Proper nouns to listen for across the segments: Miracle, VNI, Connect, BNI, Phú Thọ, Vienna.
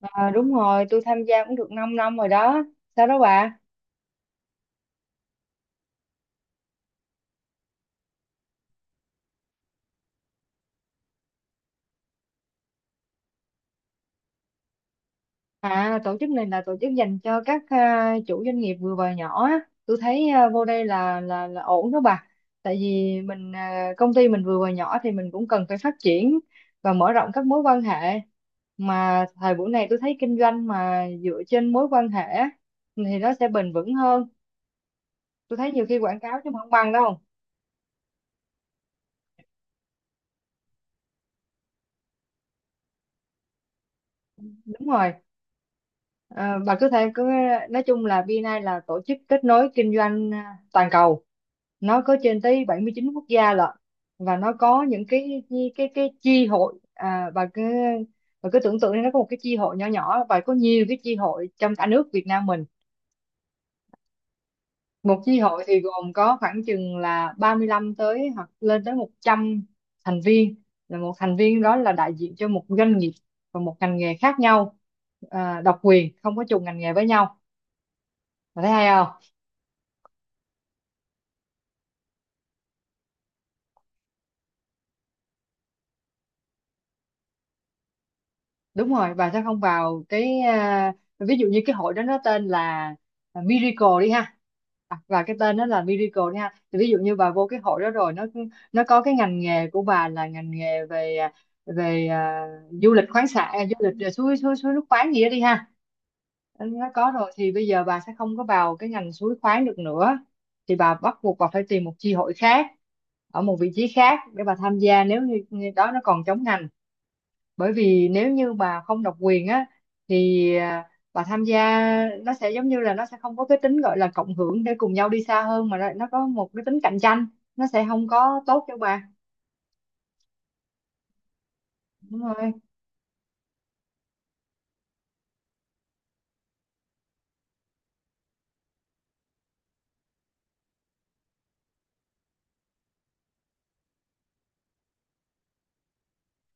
Ờ, đúng rồi, tôi tham gia cũng được 5 năm rồi đó. Sao đó bà? À, tổ chức này là tổ chức dành cho các chủ doanh nghiệp vừa và nhỏ á. Tôi thấy vô đây là ổn đó bà. Tại vì mình, công ty mình vừa và nhỏ thì mình cũng cần phải phát triển và mở rộng các mối quan hệ. Mà thời buổi này tôi thấy kinh doanh mà dựa trên mối quan hệ á, thì nó sẽ bền vững hơn. Tôi thấy nhiều khi quảng cáo chứ không bằng đâu. Đúng rồi. Ờ, bà cứ nói chung là VNI là tổ chức kết nối kinh doanh, toàn cầu, nó có trên tới 79 quốc gia lận. Và nó có những cái chi hội. À, bà cứ, bà cứ tưởng tượng đi, nó có một cái chi hội nhỏ nhỏ và có nhiều cái chi hội trong cả nước Việt Nam mình. Một chi hội thì gồm có khoảng chừng là 35 tới, hoặc lên tới 100 thành viên. Là một thành viên đó là đại diện cho một doanh nghiệp và một ngành nghề khác nhau, độc quyền không có trùng ngành nghề với nhau. Bà thấy hay? Đúng rồi, bà sẽ không vào cái, ví dụ như cái hội đó nó tên là Miracle đi ha. À, và cái tên đó là Miracle đi ha, thì ví dụ như bà vô cái hội đó rồi, nó có cái ngành nghề của bà là ngành nghề về à, về à, du lịch khoáng sản, du lịch, suối suối suối nước khoáng gì đó đi ha, nó có rồi thì bây giờ bà sẽ không có vào cái ngành suối khoáng được nữa. Thì bà bắt buộc bà phải tìm một chi hội khác ở một vị trí khác để bà tham gia, nếu như như đó nó còn chống ngành. Bởi vì nếu như bà không độc quyền á, thì bà tham gia nó sẽ giống như là nó sẽ không có cái tính gọi là cộng hưởng để cùng nhau đi xa hơn, mà nó có một cái tính cạnh tranh, nó sẽ không có tốt cho bà. Đúng rồi.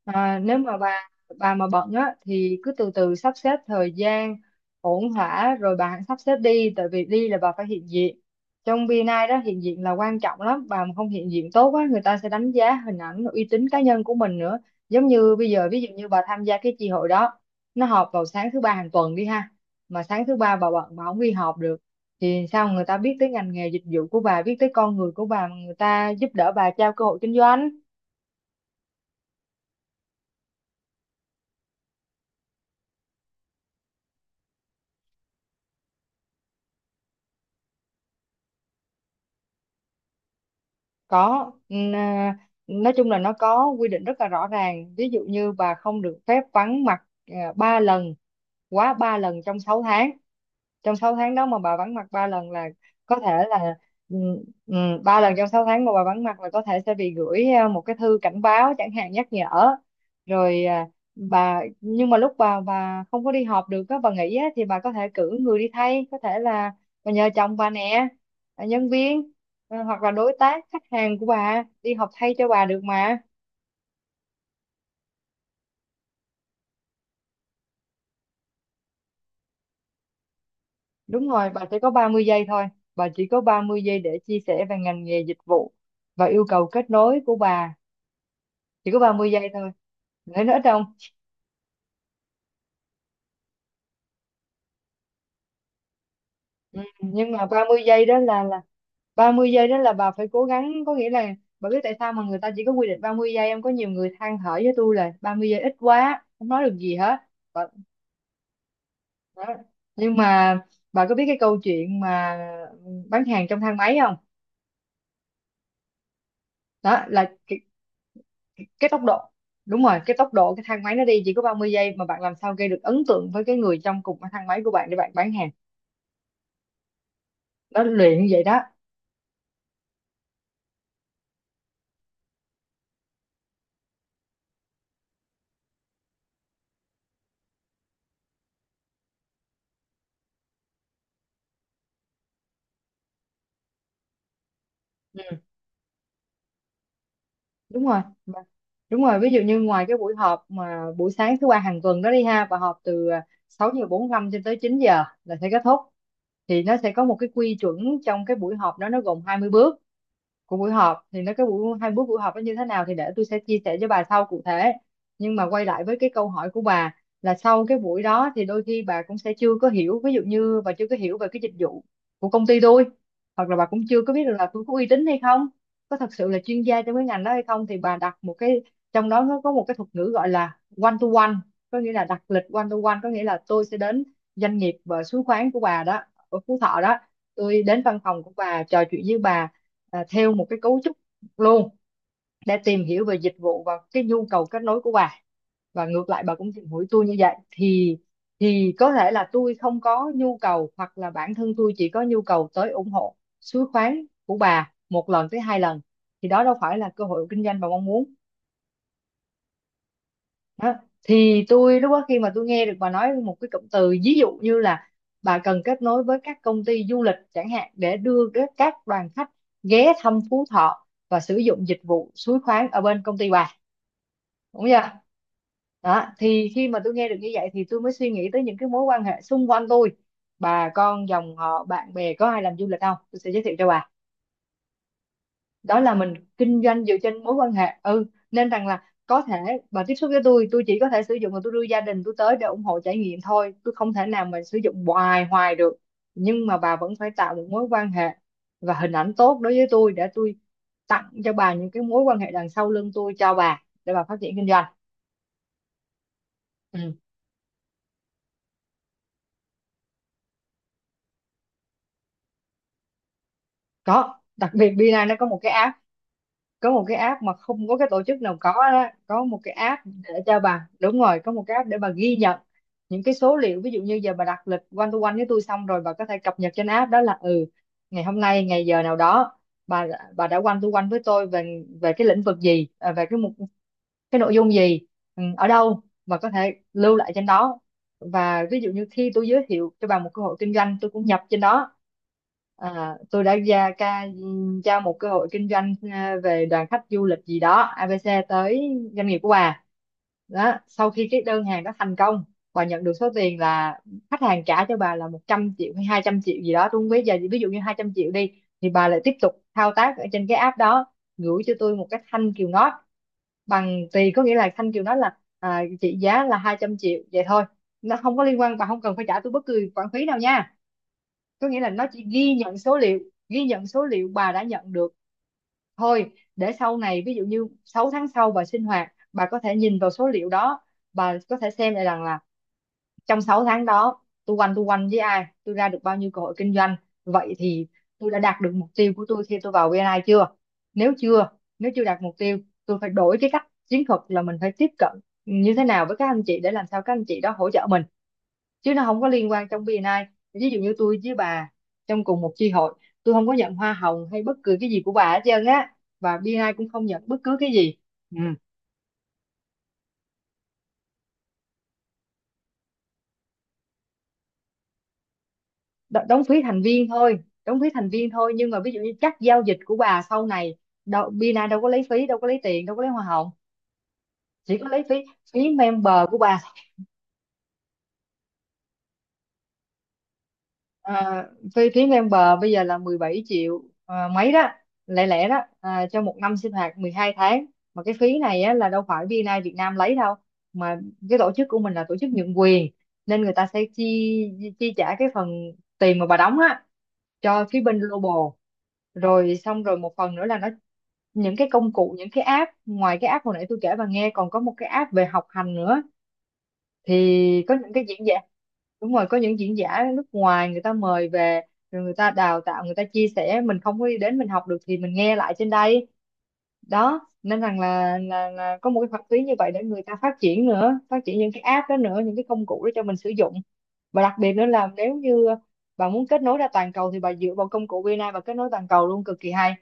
À, nếu mà bà mà bận á thì cứ từ từ sắp xếp thời gian ổn thỏa rồi bà hãy sắp xếp đi. Tại vì đi là bà phải hiện diện trong BNI đó. Hiện diện là quan trọng lắm, bà mà không hiện diện tốt á, người ta sẽ đánh giá hình ảnh uy tín cá nhân của mình nữa. Giống như bây giờ, ví dụ như bà tham gia cái chi hội đó, nó họp vào sáng thứ ba hàng tuần đi ha, mà sáng thứ ba bà bận, bà không đi họp được, thì sao người ta biết tới ngành nghề dịch vụ của bà, biết tới con người của bà mà người ta giúp đỡ bà, trao cơ hội kinh doanh? Có. Nói chung là nó có quy định rất là rõ ràng. Ví dụ như bà không được phép vắng mặt 3 lần, quá 3 lần trong 6 tháng. Trong 6 tháng đó mà bà vắng mặt 3 lần là có thể là, ừ, ừ, ba lần trong 6 tháng mà bà vắng mặt là có thể sẽ bị gửi một cái thư cảnh báo chẳng hạn, nhắc nhở rồi. Bà, nhưng mà lúc bà không có đi họp được á, bà nghỉ á, thì bà có thể cử người đi thay. Có thể là bà nhờ chồng bà nè, ờ, nhân viên, ờ, hoặc là đối tác khách hàng của bà đi họp thay cho bà được mà. Đúng rồi, bà chỉ có 30 giây thôi. Bà chỉ có 30 giây để chia sẻ về ngành nghề dịch vụ và yêu cầu kết nối của bà. Chỉ có 30 giây thôi. Nữa nữa trong, ừ, nhưng mà 30 giây đó là 30 giây đó là bà phải cố gắng. Có nghĩa là bà biết tại sao mà người ta chỉ có quy định 30 giây. Em có nhiều người than thở với tôi là 30 giây ít quá, không nói được gì hết, bà. Đó. Nhưng mà bà có biết cái câu chuyện mà bán hàng trong thang máy không? Đó là cái tốc độ, đúng rồi, cái tốc độ cái thang máy nó đi chỉ có 30 giây, mà bạn làm sao gây được ấn tượng với cái người trong cùng cái thang máy của bạn để bạn bán hàng. Nó luyện vậy đó. Đúng rồi. Mà- Đúng rồi, ví dụ như ngoài cái buổi họp mà buổi sáng thứ ba hàng tuần đó đi ha, và họp từ 6 giờ 45 cho tới 9 giờ là sẽ kết thúc, thì nó sẽ có một cái quy chuẩn. Trong cái buổi họp đó nó gồm 20 bước của buổi họp. Thì nó, cái buổi hai buổi buổi họp nó như thế nào thì để tôi sẽ chia sẻ cho bà sau cụ thể. Nhưng mà quay lại với cái câu hỏi của bà, là sau cái buổi đó thì đôi khi bà cũng sẽ chưa có hiểu, ví dụ như bà chưa có hiểu về cái dịch vụ của công ty tôi, hoặc là bà cũng chưa có biết được là tôi có uy tín hay không, có thật sự là chuyên gia trong cái ngành đó hay không. Thì bà đặt một cái, trong đó nó có một cái thuật ngữ gọi là one to one, có nghĩa là đặt lịch one to one, có nghĩa là tôi sẽ đến doanh nghiệp và xuống khoán của bà đó, ở Phú Thọ đó. Tôi đến văn phòng của bà, trò chuyện với bà theo một cái cấu trúc luôn, để tìm hiểu về dịch vụ và cái nhu cầu kết nối của bà. Và ngược lại bà cũng tìm hiểu tôi như vậy. Thì có thể là tôi không có nhu cầu, hoặc là bản thân tôi chỉ có nhu cầu tới ủng hộ suối khoáng của bà 1 lần tới 2 lần, thì đó đâu phải là cơ hội kinh doanh bà mong muốn. Đó. Thì tôi lúc đó, khi mà tôi nghe được bà nói một cái cụm từ ví dụ như là bà cần kết nối với các công ty du lịch chẳng hạn để đưa các đoàn khách ghé thăm Phú Thọ và sử dụng dịch vụ suối khoáng ở bên công ty bà, đúng chưa? Đó, thì khi mà tôi nghe được như vậy thì tôi mới suy nghĩ tới những cái mối quan hệ xung quanh tôi, bà con dòng họ bạn bè có ai làm du lịch không, tôi sẽ giới thiệu cho bà. Đó là mình kinh doanh dựa trên mối quan hệ. Ừ, nên rằng là có thể bà tiếp xúc với tôi chỉ có thể sử dụng và tôi đưa gia đình tôi tới để ủng hộ trải nghiệm thôi, tôi không thể nào mà sử dụng hoài hoài được. Nhưng mà bà vẫn phải tạo một mối quan hệ và hình ảnh tốt đối với tôi, để tôi tặng cho bà những cái mối quan hệ đằng sau lưng tôi cho bà, để bà phát triển kinh doanh. Ừ. Có, đặc biệt Bina nó có một cái app mà không có cái tổ chức nào có. Đó, có một cái app để cho bà, đúng rồi, có một cái app để bà ghi nhận những cái số liệu. Ví dụ như giờ bà đặt lịch one to one với tôi, xong rồi bà có thể cập nhật trên app đó là ngày hôm nay, ngày giờ nào đó, bà bà đã one to one với tôi về về cái lĩnh vực gì, à, về cái mục, cái nội dung gì, ở đâu, và có thể lưu lại trên đó. Và ví dụ như khi tôi giới thiệu cho bà một cơ hội kinh doanh, tôi cũng nhập trên đó. À, tôi đã ra một cơ hội kinh doanh, à, về đoàn khách du lịch gì đó ABC tới doanh nghiệp của bà. Đó, sau khi cái đơn hàng đó thành công, bà nhận được số tiền là khách hàng trả cho bà là 100 triệu hay 200 triệu gì đó, tôi không biết, giờ ví dụ như 200 triệu đi, thì bà lại tiếp tục thao tác ở trên cái app đó, gửi cho tôi một cái thanh kiều ngót bằng tùy, có nghĩa là Thanh Kiều nói là, à, chị giá là 200 triệu vậy thôi, nó không có liên quan, bà không cần phải trả tôi bất cứ khoản phí nào nha. Có nghĩa là nó chỉ ghi nhận số liệu, ghi nhận số liệu bà đã nhận được thôi, để sau này ví dụ như 6 tháng sau bà sinh hoạt, bà có thể nhìn vào số liệu đó, bà có thể xem lại rằng là trong 6 tháng đó tôi quanh, tôi quanh với ai, tôi ra được bao nhiêu cơ hội kinh doanh. Vậy thì tôi đã đạt được mục tiêu của tôi khi tôi vào VNI chưa? Nếu chưa nếu chưa đạt mục tiêu, tôi phải đổi cái cách chiến thuật, là mình phải tiếp cận như thế nào với các anh chị để làm sao các anh chị đó hỗ trợ mình, chứ nó không có liên quan. Trong VNI, ví dụ như tôi với bà trong cùng một chi hội, tôi không có nhận hoa hồng hay bất cứ cái gì của bà hết trơn á, và BNI cũng không nhận bất cứ cái gì. Ừ. Đóng phí thành viên thôi. Đóng phí thành viên thôi, nhưng mà ví dụ như các giao dịch của bà sau này, đâu, Bina đâu có lấy phí, đâu có lấy tiền, đâu có lấy hoa hồng, chỉ có lấy phí phí member của bà. À, phí phí ven bờ bây giờ là 17 triệu à, mấy đó, lẻ lẻ đó à, cho một năm sinh hoạt 12 tháng. Mà cái phí này á, là đâu phải BNI Việt Nam lấy đâu, mà cái tổ chức của mình là tổ chức nhượng quyền, nên người ta sẽ chi chi trả cái phần tiền mà bà đóng á cho phía bên global. Rồi xong rồi, một phần nữa là nó, những cái công cụ, những cái app, ngoài cái app hồi nãy tôi kể bà nghe, còn có một cái app về học hành nữa. Thì có những cái diễn giả, đúng rồi, có những diễn giả nước ngoài người ta mời về, rồi người ta đào tạo, người ta chia sẻ, mình không có đến mình học được thì mình nghe lại trên đây. Đó, nên rằng là có một cái hoạt lý như vậy để người ta phát triển nữa, phát triển những cái app đó nữa, những cái công cụ đó cho mình sử dụng. Và đặc biệt nữa là, nếu như bà muốn kết nối ra toàn cầu thì bà dựa vào công cụ VNA và kết nối toàn cầu luôn, cực kỳ hay.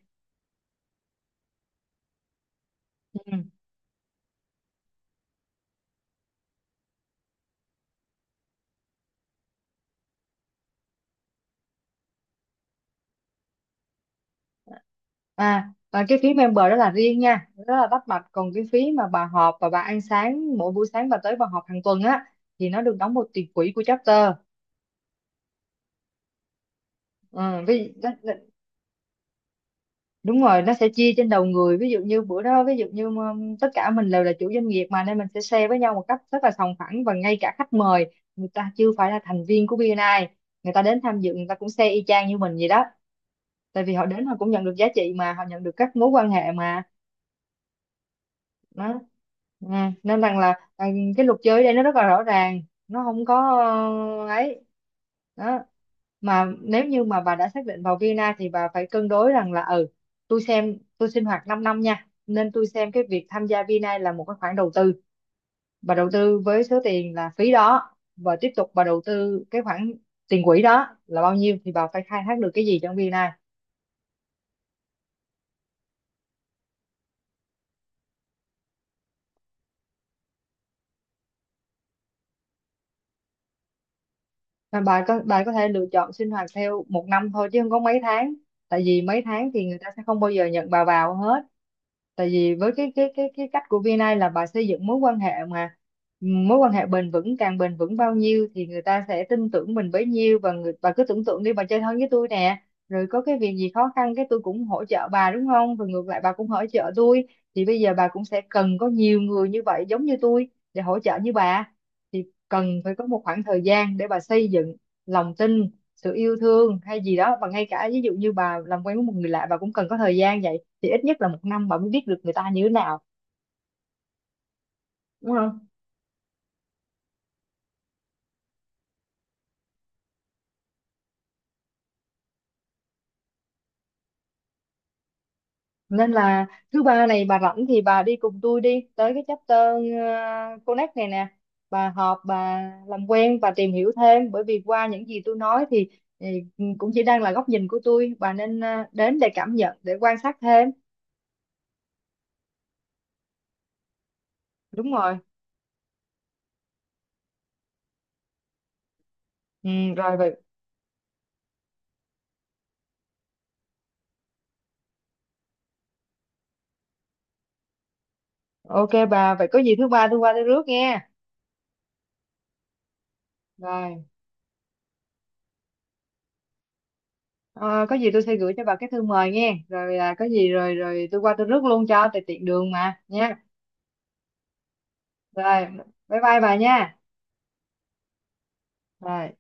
Ừ. À, và cái phí member đó là riêng nha, rất là tách bạch. Còn cái phí mà bà họp và bà ăn sáng, mỗi buổi sáng bà tới bà họp hàng tuần á, thì nó được đóng một tiền quỹ của chapter. Ừ, đó, đó, đúng rồi, nó sẽ chia trên đầu người. Ví dụ như bữa đó, ví dụ như tất cả mình đều là chủ doanh nghiệp mà, nên mình sẽ share với nhau một cách rất là sòng phẳng. Và ngay cả khách mời, người ta chưa phải là thành viên của BNI, người ta đến tham dự, người ta cũng share y chang như mình vậy đó. Tại vì họ đến họ cũng nhận được giá trị mà, họ nhận được các mối quan hệ mà. Đó. Ừ. Nên rằng là, à, cái luật chơi ở đây nó rất là rõ ràng, nó không có, ấy, đó, mà nếu như mà bà đã xác định vào Vienna thì bà phải cân đối rằng là, tôi xem, tôi sinh hoạt 5 năm nha, nên tôi xem cái việc tham gia Vina là một cái khoản đầu tư, bà đầu tư với số tiền là phí đó, và tiếp tục bà đầu tư cái khoản tiền quỹ đó là bao nhiêu, thì bà phải khai thác được cái gì trong Vina. Mà bà có thể lựa chọn sinh hoạt theo một năm thôi chứ không có mấy tháng, tại vì mấy tháng thì người ta sẽ không bao giờ nhận bà vào hết, tại vì với cái cách của VNA là bà xây dựng mối quan hệ mà, mối quan hệ bền vững, càng bền vững bao nhiêu thì người ta sẽ tin tưởng mình bấy nhiêu. Và người, bà cứ tưởng tượng đi, bà chơi thân với tôi nè, rồi có cái việc gì khó khăn cái tôi cũng hỗ trợ bà đúng không, rồi ngược lại bà cũng hỗ trợ tôi, thì bây giờ bà cũng sẽ cần có nhiều người như vậy giống như tôi để hỗ trợ như bà. Cần phải có một khoảng thời gian để bà xây dựng lòng tin, sự yêu thương hay gì đó, và ngay cả ví dụ như bà làm quen với một người lạ bà cũng cần có thời gian, vậy thì ít nhất là một năm bà mới biết được người ta như thế nào, đúng không? Nên là thứ ba này bà rảnh thì bà đi cùng tôi đi tới cái chapter Connect này nè, bà họp, bà làm quen, bà tìm hiểu thêm, bởi vì qua những gì tôi nói thì cũng chỉ đang là góc nhìn của tôi, bà nên đến để cảm nhận, để quan sát thêm. Đúng rồi. Ừ, rồi vậy. Ok bà, vậy có gì thứ ba tôi qua tôi rước nghe. Rồi, ờ, có gì tôi sẽ gửi cho bà cái thư mời nghe, rồi, à, có gì rồi rồi tôi qua tôi rước luôn cho tại tiện đường mà nha. Rồi, bye bye bà nha. Rồi.